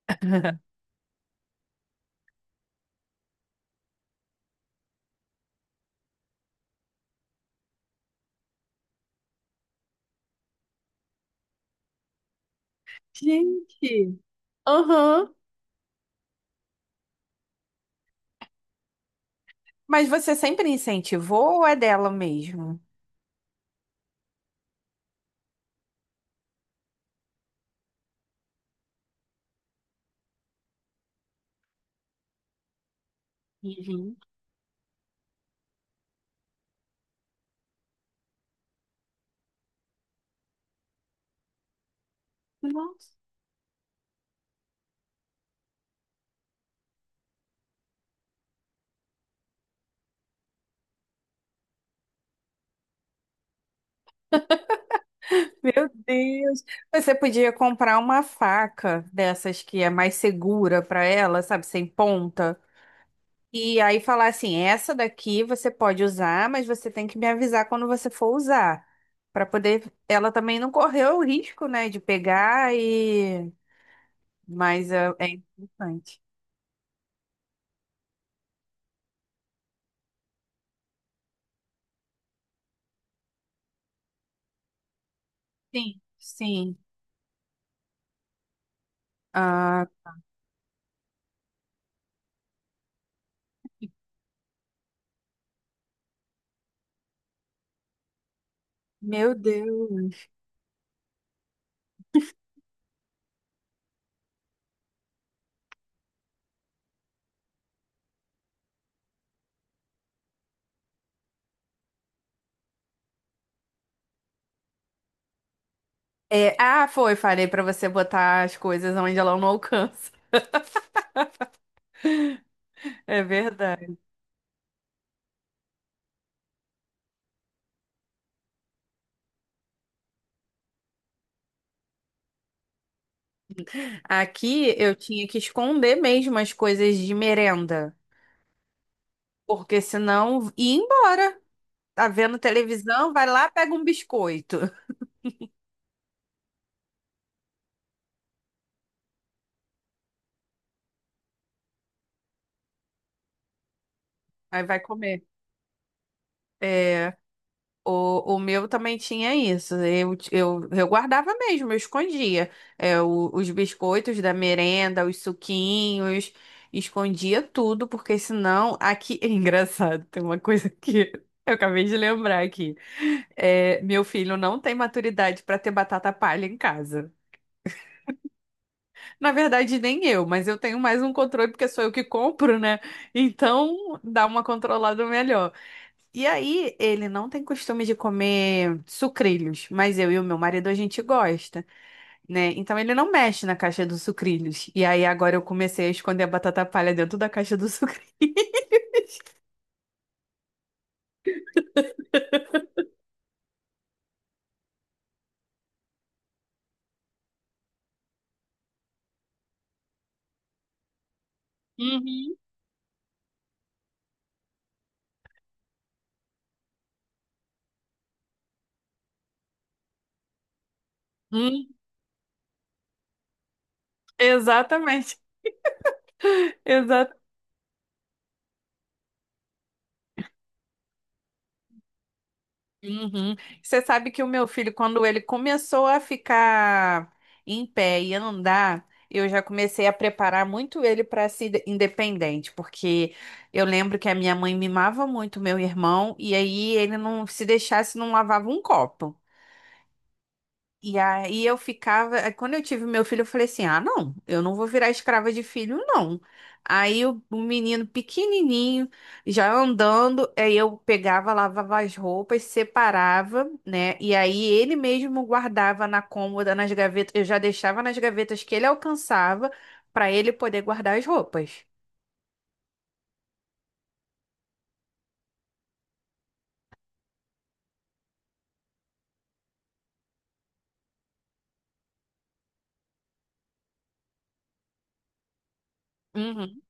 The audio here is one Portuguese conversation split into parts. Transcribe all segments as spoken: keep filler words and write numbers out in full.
Gente. Aham. Mas você sempre incentivou ou é dela mesmo? Uhum. Nossa. Meu Deus. Você podia comprar uma faca dessas que é mais segura para ela, sabe, sem ponta. E aí falar assim, essa daqui você pode usar, mas você tem que me avisar quando você for usar, para poder ela também não correr o risco, né, de pegar e mas é, é importante. Sim, sim. Ah, meu Deus. É, ah, foi, falei pra você botar as coisas onde ela não alcança. É verdade. Aqui eu tinha que esconder mesmo as coisas de merenda, porque senão ia embora. Tá vendo televisão, vai lá, pega um biscoito, aí vai comer. É. O, o meu também tinha isso. Eu, eu, eu guardava mesmo, eu escondia. É, o- os biscoitos da merenda, os suquinhos, escondia tudo, porque senão aqui. É engraçado, tem uma coisa que eu acabei de lembrar aqui. É, meu filho não tem maturidade para ter batata palha em casa. Na verdade, nem eu, mas eu tenho mais um controle porque sou eu que compro, né? Então dá uma controlada melhor. E aí, ele não tem costume de comer sucrilhos, mas eu e o meu marido a gente gosta, né? Então ele não mexe na caixa dos sucrilhos. E aí agora eu comecei a esconder a batata palha dentro da caixa do sucrilho. Uhum. Hum, exatamente. Exatamente. Uhum. Você sabe que o meu filho, quando ele começou a ficar em pé e andar, eu já comecei a preparar muito ele para ser independente, porque eu lembro que a minha mãe mimava muito meu irmão, e aí ele não se deixasse, não lavava um copo. E aí eu ficava, aí quando eu tive meu filho, eu falei assim: "Ah, não, eu não vou virar escrava de filho, não". Aí o, o menino pequenininho, já andando, aí eu pegava, lavava as roupas, separava, né? E aí ele mesmo guardava na cômoda, nas gavetas, eu já deixava nas gavetas que ele alcançava para ele poder guardar as roupas. Uhum.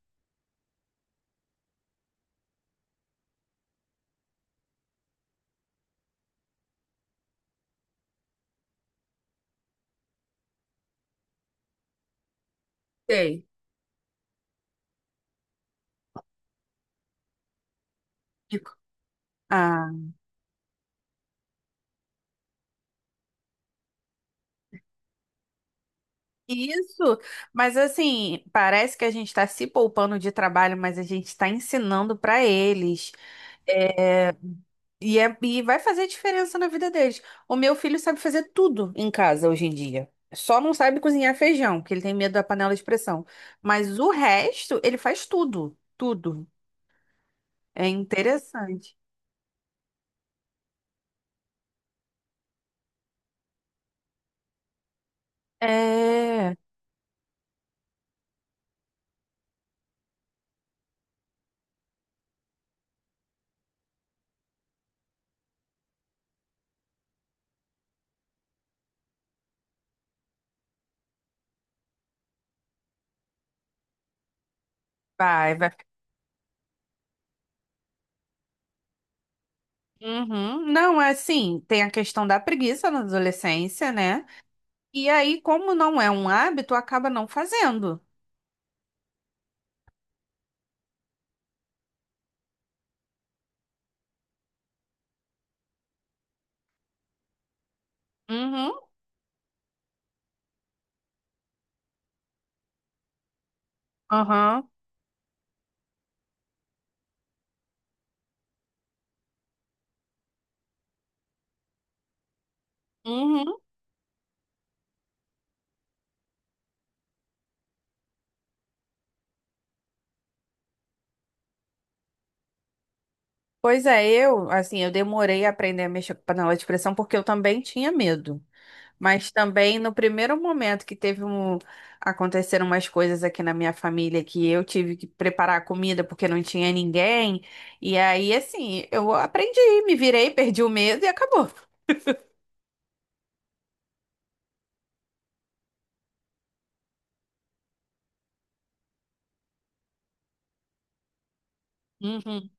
Sei. E- Ah. Isso, mas assim, parece que a gente está se poupando de trabalho, mas a gente está ensinando para eles. É, e, é- e vai fazer diferença na vida deles. O meu filho sabe fazer tudo em casa hoje em dia. Só não sabe cozinhar feijão, que ele tem medo da panela de pressão. Mas o resto, ele faz tudo, tudo. É interessante. É, vai, vai. Uhum. Não, é assim, tem a questão da preguiça na adolescência, né? E aí, como não é um hábito, acaba não fazendo. Uhum, aham, uhum. Pois é, eu, assim, eu demorei a aprender a mexer com panela de pressão porque eu também tinha medo. Mas também no primeiro momento que teve um, aconteceram umas coisas aqui na minha família que eu tive que preparar a comida porque não tinha ninguém. E aí, assim, eu aprendi, me virei, perdi o medo e acabou. Uhum,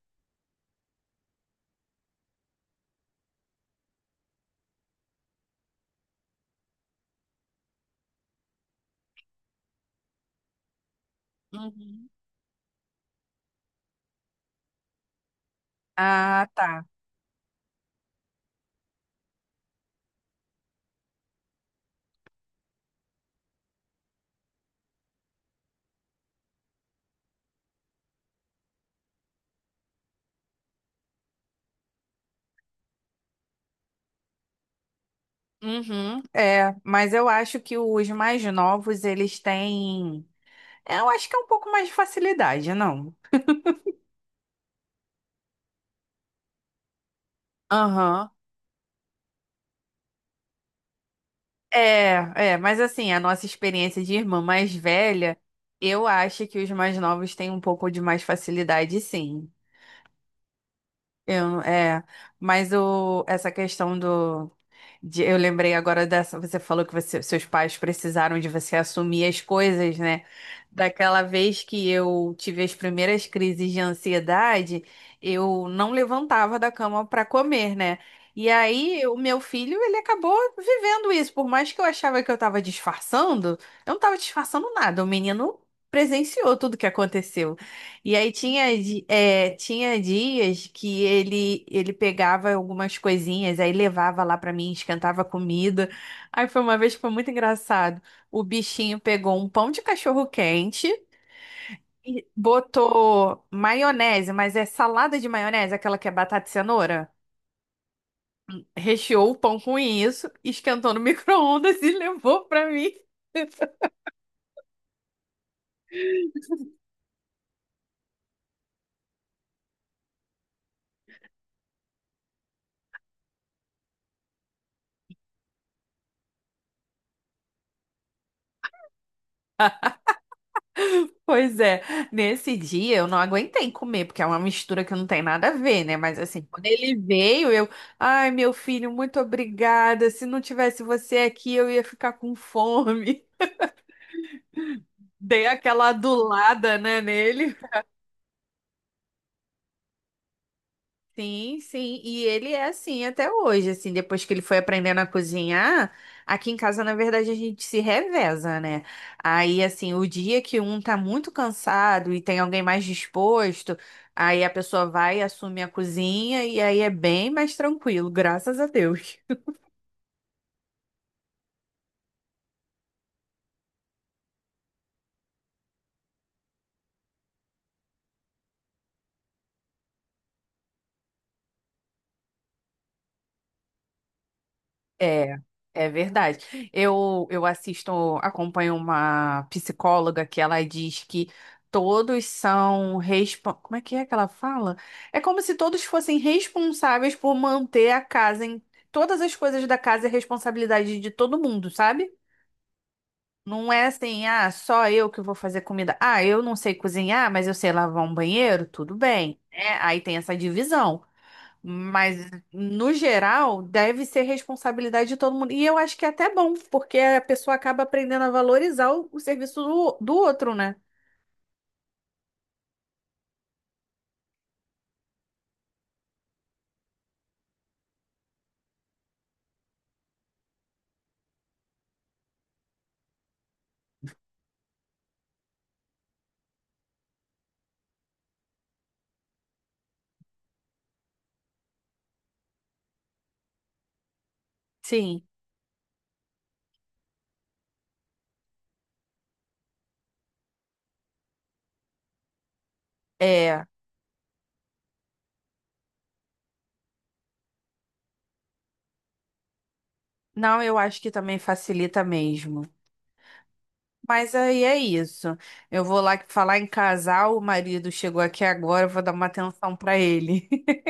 uhum. Ah, tá. Uhum, é, mas eu acho que os mais novos, eles têm. É, eu acho que é um pouco mais de facilidade, não? Aham. É, é, mas assim, a nossa experiência de irmã mais velha, eu acho que os mais novos têm um pouco de mais facilidade, sim. Eu, é, mas o, essa questão do, de- eu lembrei agora dessa, você falou que você- seus pais precisaram de você assumir as coisas, né? Daquela vez que eu tive as primeiras crises de ansiedade, eu não levantava da cama para comer, né? E aí o meu filho, ele acabou vivendo isso, por mais que eu achava que eu estava disfarçando, eu não estava disfarçando nada, o menino presenciou tudo que aconteceu. E aí tinha, di- é, tinha dias que ele ele pegava algumas coisinhas, aí levava lá pra mim, esquentava comida. Aí foi uma vez que foi muito engraçado. O bichinho pegou um pão de cachorro quente e botou maionese, mas é salada de maionese, aquela que é batata e cenoura. Recheou o pão com isso, esquentou no micro-ondas e levou pra mim. Pois é, nesse dia eu não aguentei comer, porque é uma mistura que não tem nada a ver, né? Mas assim, quando ele veio, eu, ai, meu filho, muito obrigada. Se não tivesse você aqui, eu ia ficar com fome. Dei aquela adulada, né, nele. Sim, sim, e ele é assim até hoje, assim, depois que ele foi aprendendo a cozinhar, aqui em casa, na verdade, a gente se reveza, né? Aí, assim, o dia que um tá muito cansado e tem alguém mais disposto, aí a pessoa vai, assume a cozinha e aí é bem mais tranquilo, graças a Deus. É, é verdade. Eu, eu assisto, acompanho uma psicóloga que ela diz que todos são respo... Como é que é que ela fala? É como se todos fossem responsáveis por manter a casa em todas as coisas da casa é responsabilidade de todo mundo, sabe? Não é assim, ah, só eu que vou fazer comida. Ah, eu não sei cozinhar, mas eu sei lavar um banheiro, tudo bem, né? Aí tem essa divisão. Mas, no geral, deve ser responsabilidade de todo mundo. E eu acho que é até bom, porque a pessoa acaba aprendendo a valorizar o, o serviço do, do outro, né? Sim, é. Não, eu acho que também facilita mesmo. Mas aí é isso. Eu vou lá falar em casal, o marido chegou aqui agora, eu vou dar uma atenção pra ele.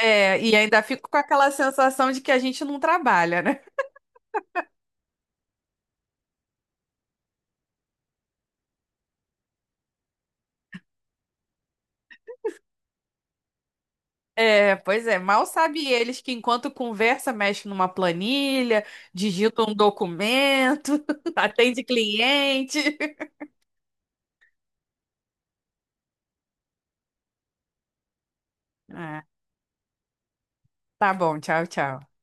É, e ainda fico com aquela sensação de que a gente não trabalha, né? É, pois é, mal sabe eles que enquanto conversa, mexe numa planilha, digita um documento, atende cliente. Ah, tá bom, tchau, tchau.